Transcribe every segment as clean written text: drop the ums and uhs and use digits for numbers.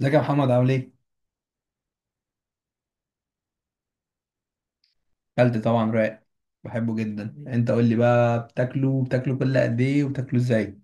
ازيك يا محمد، عامل ايه؟ اكلت طبعا راق. بحبه جدا. انت قول لي بقى، بتاكله كل قد ايه، وبتاكله ازاي؟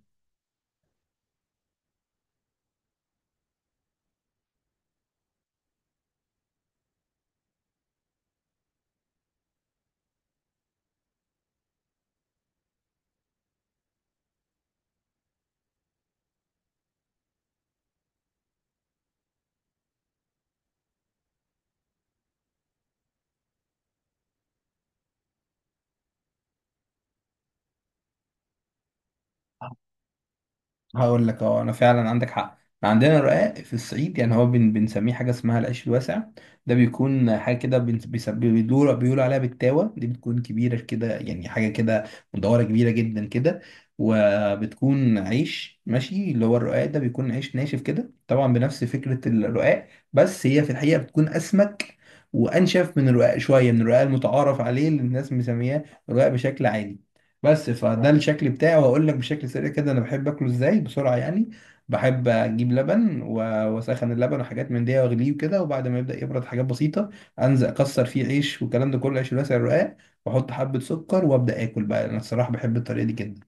هقول لك، انا فعلا عندك حق. عندنا الرقاق في الصعيد، يعني هو بنسميه حاجه اسمها العيش الواسع. ده بيكون حاجه كده، بيدور بيقول عليها بالتاوه، دي بتكون كبيره كده، يعني حاجه كده مدوره، كبيره جدا كده. وبتكون عيش، ماشي؟ اللي هو الرقاق ده بيكون عيش ناشف كده، طبعا بنفس فكره الرقاق. بس هي في الحقيقه بتكون اسمك وانشف من الرقاق شويه، من الرقاق المتعارف عليه اللي الناس مسمياه رقاق بشكل عادي. بس فده الشكل بتاعي، وهقول لك بشكل سريع كده انا بحب اكله ازاي بسرعه يعني. بحب اجيب لبن واسخن اللبن وحاجات من دي واغليه وكده، وبعد ما يبدا يبرد حاجات بسيطه انزل اكسر فيه عيش، والكلام ده كله عيش الواسع الرقاق، واحط حبه سكر وابدا اكل بقى. انا الصراحه بحب الطريقه دي جدا.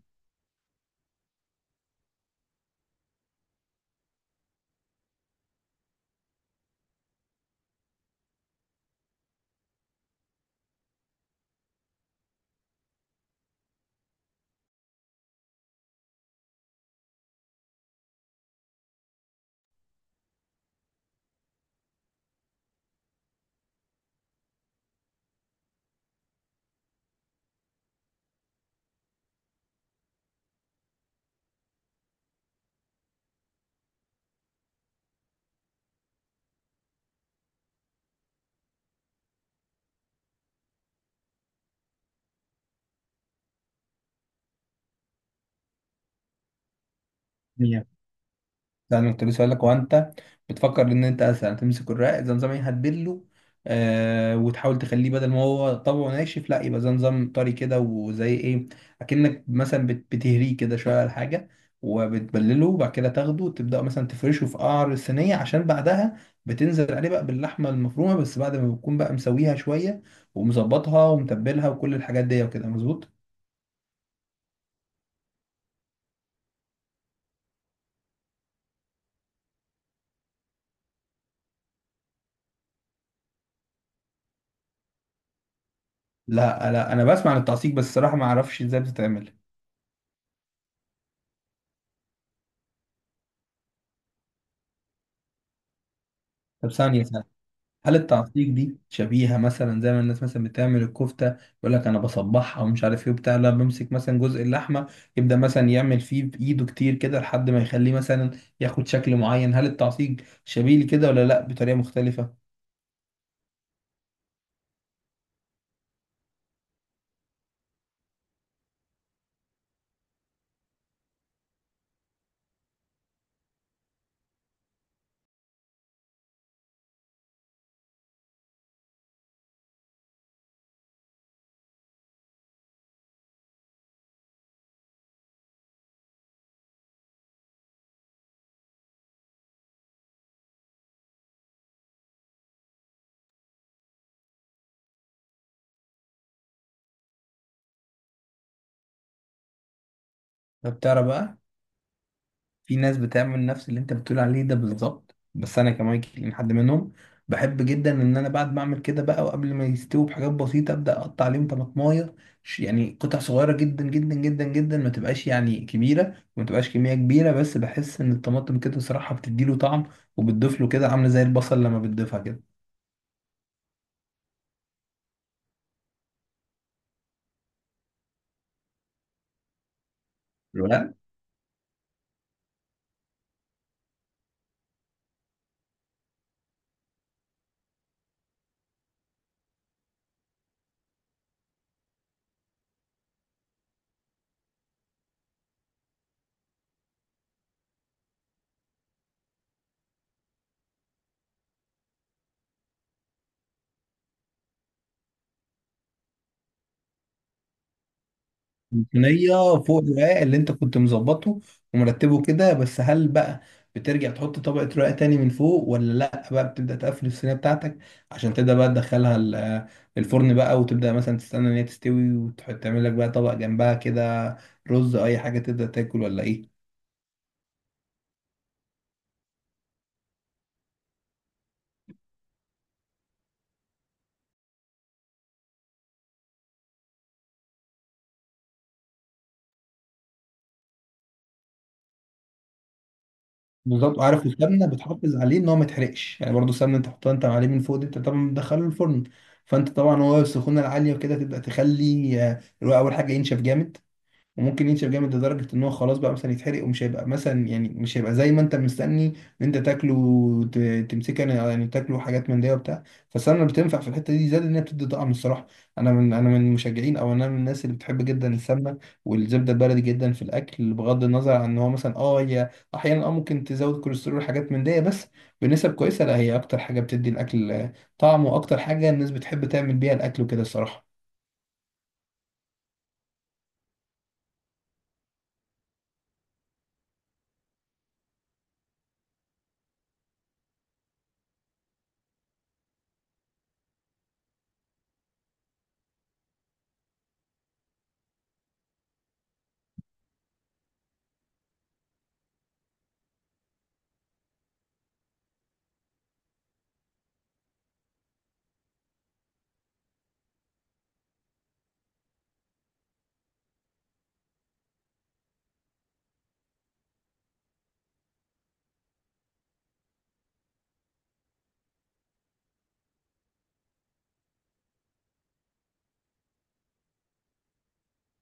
ده انا كنت لسه هقول لك، هو انت بتفكر ان انت مثلا تمسك الرق زي نظام ايه، هتبله، وتحاول تخليه بدل ما هو طبعه ناشف، لا، يبقى زي نظام طري كده وزي ايه. اكنك مثلا بتهريه كده شويه على حاجه، وبتبلله، وبعد كده تاخده وتبدا مثلا تفرشه في قعر الصينيه، عشان بعدها بتنزل عليه بقى باللحمه المفرومه، بس بعد ما بتكون بقى مسويها شويه ومظبطها ومتبلها وكل الحاجات دي، وكده مظبوط. لا لا، انا بسمع عن التعصيب، بس الصراحه ما اعرفش ازاي بتتعمل. طب ثانيه ثانيه، هل التعصيب دي شبيهة مثلا زي ما الناس مثلا بتعمل الكفتة؟ يقول لك أنا بصبحها ومش عارف إيه وبتاع، لا، بمسك مثلا جزء اللحمة، يبدأ مثلا يعمل فيه بإيده كتير كده لحد ما يخليه مثلا ياخد شكل معين. هل التعصيب شبيه لكده، ولا لأ بطريقة مختلفة؟ ده بتعرف بقى، في ناس بتعمل نفس اللي انت بتقول عليه ده بالظبط، بس انا كمان حد منهم. بحب جدا ان انا بعد ما اعمل كده بقى، وقبل ما يستووا بحاجات بسيطه، ابدا اقطع عليهم طماطمايه، يعني قطع صغيره جدا جدا جدا جدا، ما تبقاش يعني كبيره وما تبقاش كميه كبيره. بس بحس ان الطماطم كده صراحه بتديله طعم، وبتضيف له كده، عامله زي البصل لما بتضيفها كده. صينية فوق الرقاق اللي انت كنت مظبطه ومرتبه كده. بس هل بقى بترجع تحط طبقة رقاق تاني من فوق، ولا لا بقى بتبدأ تقفل الصينية بتاعتك عشان تبدأ بقى تدخلها الفرن بقى، وتبدأ مثلا تستنى ان هي تستوي، وتعمل لك بقى طبق جنبها كده، رز أو اي حاجة، تبدأ تاكل ولا ايه؟ بالظبط. عارف، السمنة بتحافظ عليه ان هو ما يتحرقش، يعني برضو السمنة انت تحطها انت عليه من فوق دي، انت طبعا بتدخله الفرن، فانت طبعا هو السخونة العالية وكده تبدأ تخلي الرقاق اول حاجة ينشف جامد، وممكن ينشف جامد لدرجة ان هو خلاص بقى مثلا يتحرق، ومش هيبقى مثلا، يعني مش هيبقى زي ما انت مستني ان انت تاكله تمسكه، يعني تاكله حاجات من دي وبتاع. فالسمنة بتنفع في الحتة دي، زائد ان هي بتدي طعم الصراحة. انا من المشجعين، او انا من الناس اللي بتحب جدا السمنة والزبدة البلدي جدا في الاكل، بغض النظر عن ان هو مثلا هي احيانا ممكن تزود كوليسترول حاجات من دي، بس بنسب كويسة. لا، هي اكتر حاجة بتدي الاكل طعم، واكتر حاجة الناس بتحب تعمل بيها الاكل وكده الصراحة.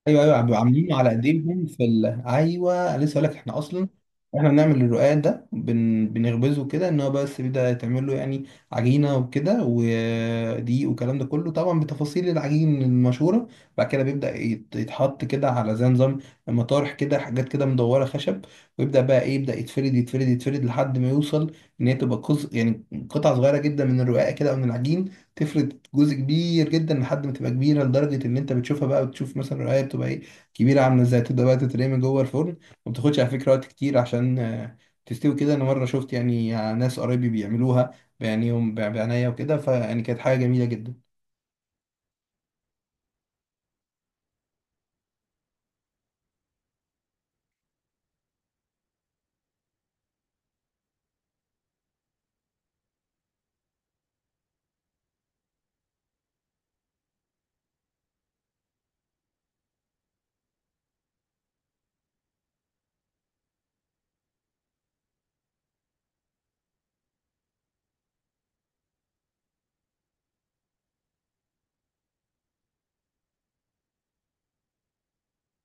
ايوه ايوه، بيبقوا عاملين على ايديهم ايوه، لسه هقول لك. احنا اصلا احنا بنعمل الرقاق ده بنخبزه كده، ان هو بس بيبدا يتعمل له يعني عجينه وكده ودقيق والكلام ده كله، طبعا بتفاصيل العجين المشهوره. بعد كده بيبدا يتحط كده على زي نظام مطارح كده، حاجات كده مدوره خشب، ويبدا بقى ايه يبدا يتفرد يتفرد يتفرد لحد ما يوصل ان هي تبقى يعني قطع صغيره جدا من الرقاق كده او من العجين. تفرد جزء كبير جدا لحد ما تبقى كبيره، لدرجه ان انت بتشوفها بقى، بتشوف مثلا القرايه بتبقى ايه، كبيره عامله ازاي، تبدا بقى تترمي من جوه الفرن، وما بتاخدش على فكره وقت كتير عشان تستوي كده. انا مره شفت يعني ناس قرايبي بيعملوها بعينيهم بعناية وكده، فيعني كانت حاجه جميله جدا.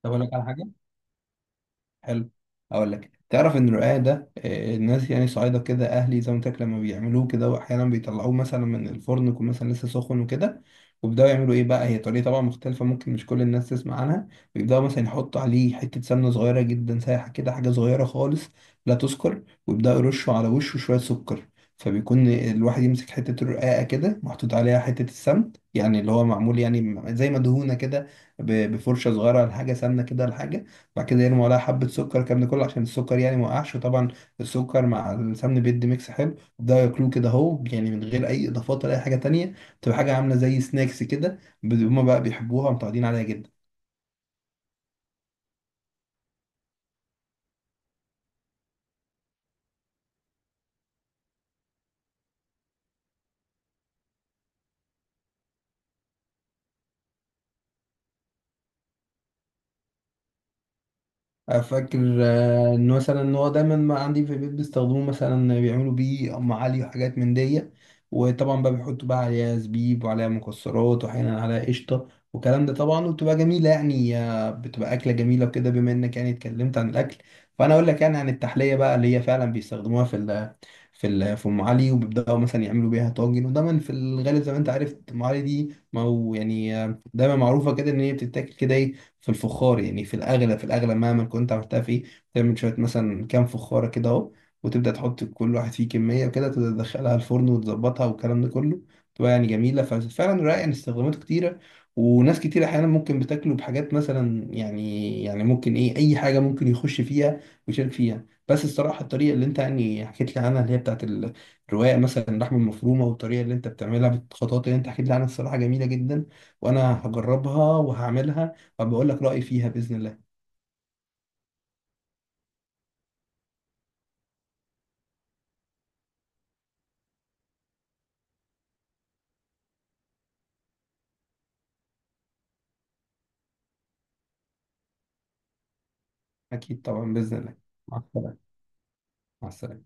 طب اقول لك على حاجه حلو. اقول لك، تعرف ان الرقاق ده الناس يعني صعيدة كده، اهلي زي ما قلت لك، لما بيعملوه كده واحيانا بيطلعوه مثلا من الفرن يكون مثلا لسه سخن وكده، وبيبداوا يعملوا ايه بقى، هي طريقه طبعا مختلفه ممكن مش كل الناس تسمع عنها. بيبداوا مثلا يحطوا عليه حته سمنه صغيره جدا سايحه كده، حاجه صغيره خالص لا تذكر، ويبداوا يرشوا على وشه شويه سكر. فبيكون الواحد يمسك حته الرقاقه كده محطوط عليها حته السمن، يعني اللي هو معمول يعني زي ما دهونه كده بفرشه صغيره لحاجه سمنه كده لحاجه. بعد كده يرموا عليها حبة سكر، الكلام ده كله عشان السكر يعني ما وقعش. وطبعا السكر مع السمن بيدي ميكس حلو، وبدأوا ياكلوه كده اهو، يعني من غير اي اضافات ولا اي حاجة تانية. تبقى حاجة عاملة زي سناكس كده، هما بقى بيحبوها ومتعودين عليها جدا. فاكر ان مثلا ان هو دايما ما عندي في البيت بيستخدموه، مثلا بيعملوا بيه ام علي وحاجات من دي، وطبعا بقى بيحطوا بقى عليها زبيب وعليها مكسرات واحيانا عليها قشطه والكلام ده طبعا، وبتبقى جميله، يعني بتبقى اكله جميله وكده. بما انك يعني اتكلمت عن الاكل، فانا اقول لك يعني عن التحليه بقى اللي هي فعلا بيستخدموها في ام علي، وبيبداوا مثلا يعملوا بيها طاجن. ودايما في الغالب زي ما انت عارف، ام علي دي ما هو يعني دايما معروفه كده ان هي بتتاكل كده ايه، في الفخار، يعني في الأغلى، في الأغلى مهما كنت عملتها فيه. تعمل شوية مثلا كام فخارة كده أهو، وتبدأ تحط كل واحد فيه كمية وكده، تبدأ تدخلها الفرن وتظبطها والكلام ده كله، تبقى يعني جميلة. ففعلا رائع، يعني استخداماته كتيرة. وناس كتير أحيانا ممكن بتاكله بحاجات مثلا، يعني ممكن إيه أي حاجة ممكن يخش فيها ويشارك فيها. بس الصراحة الطريقة اللي أنت يعني حكيت لي عنها، اللي هي بتاعت الرواية مثلا اللحمة المفرومة، والطريقة اللي أنت بتعملها بالخطوات اللي أنت حكيت لي عنها، الصراحة جميلة جدا، وأنا هجربها وهعملها، فبقول لك رأيي فيها بإذن الله. أكيد طبعا، بإذن الله. مع السلامة. مع السلامة.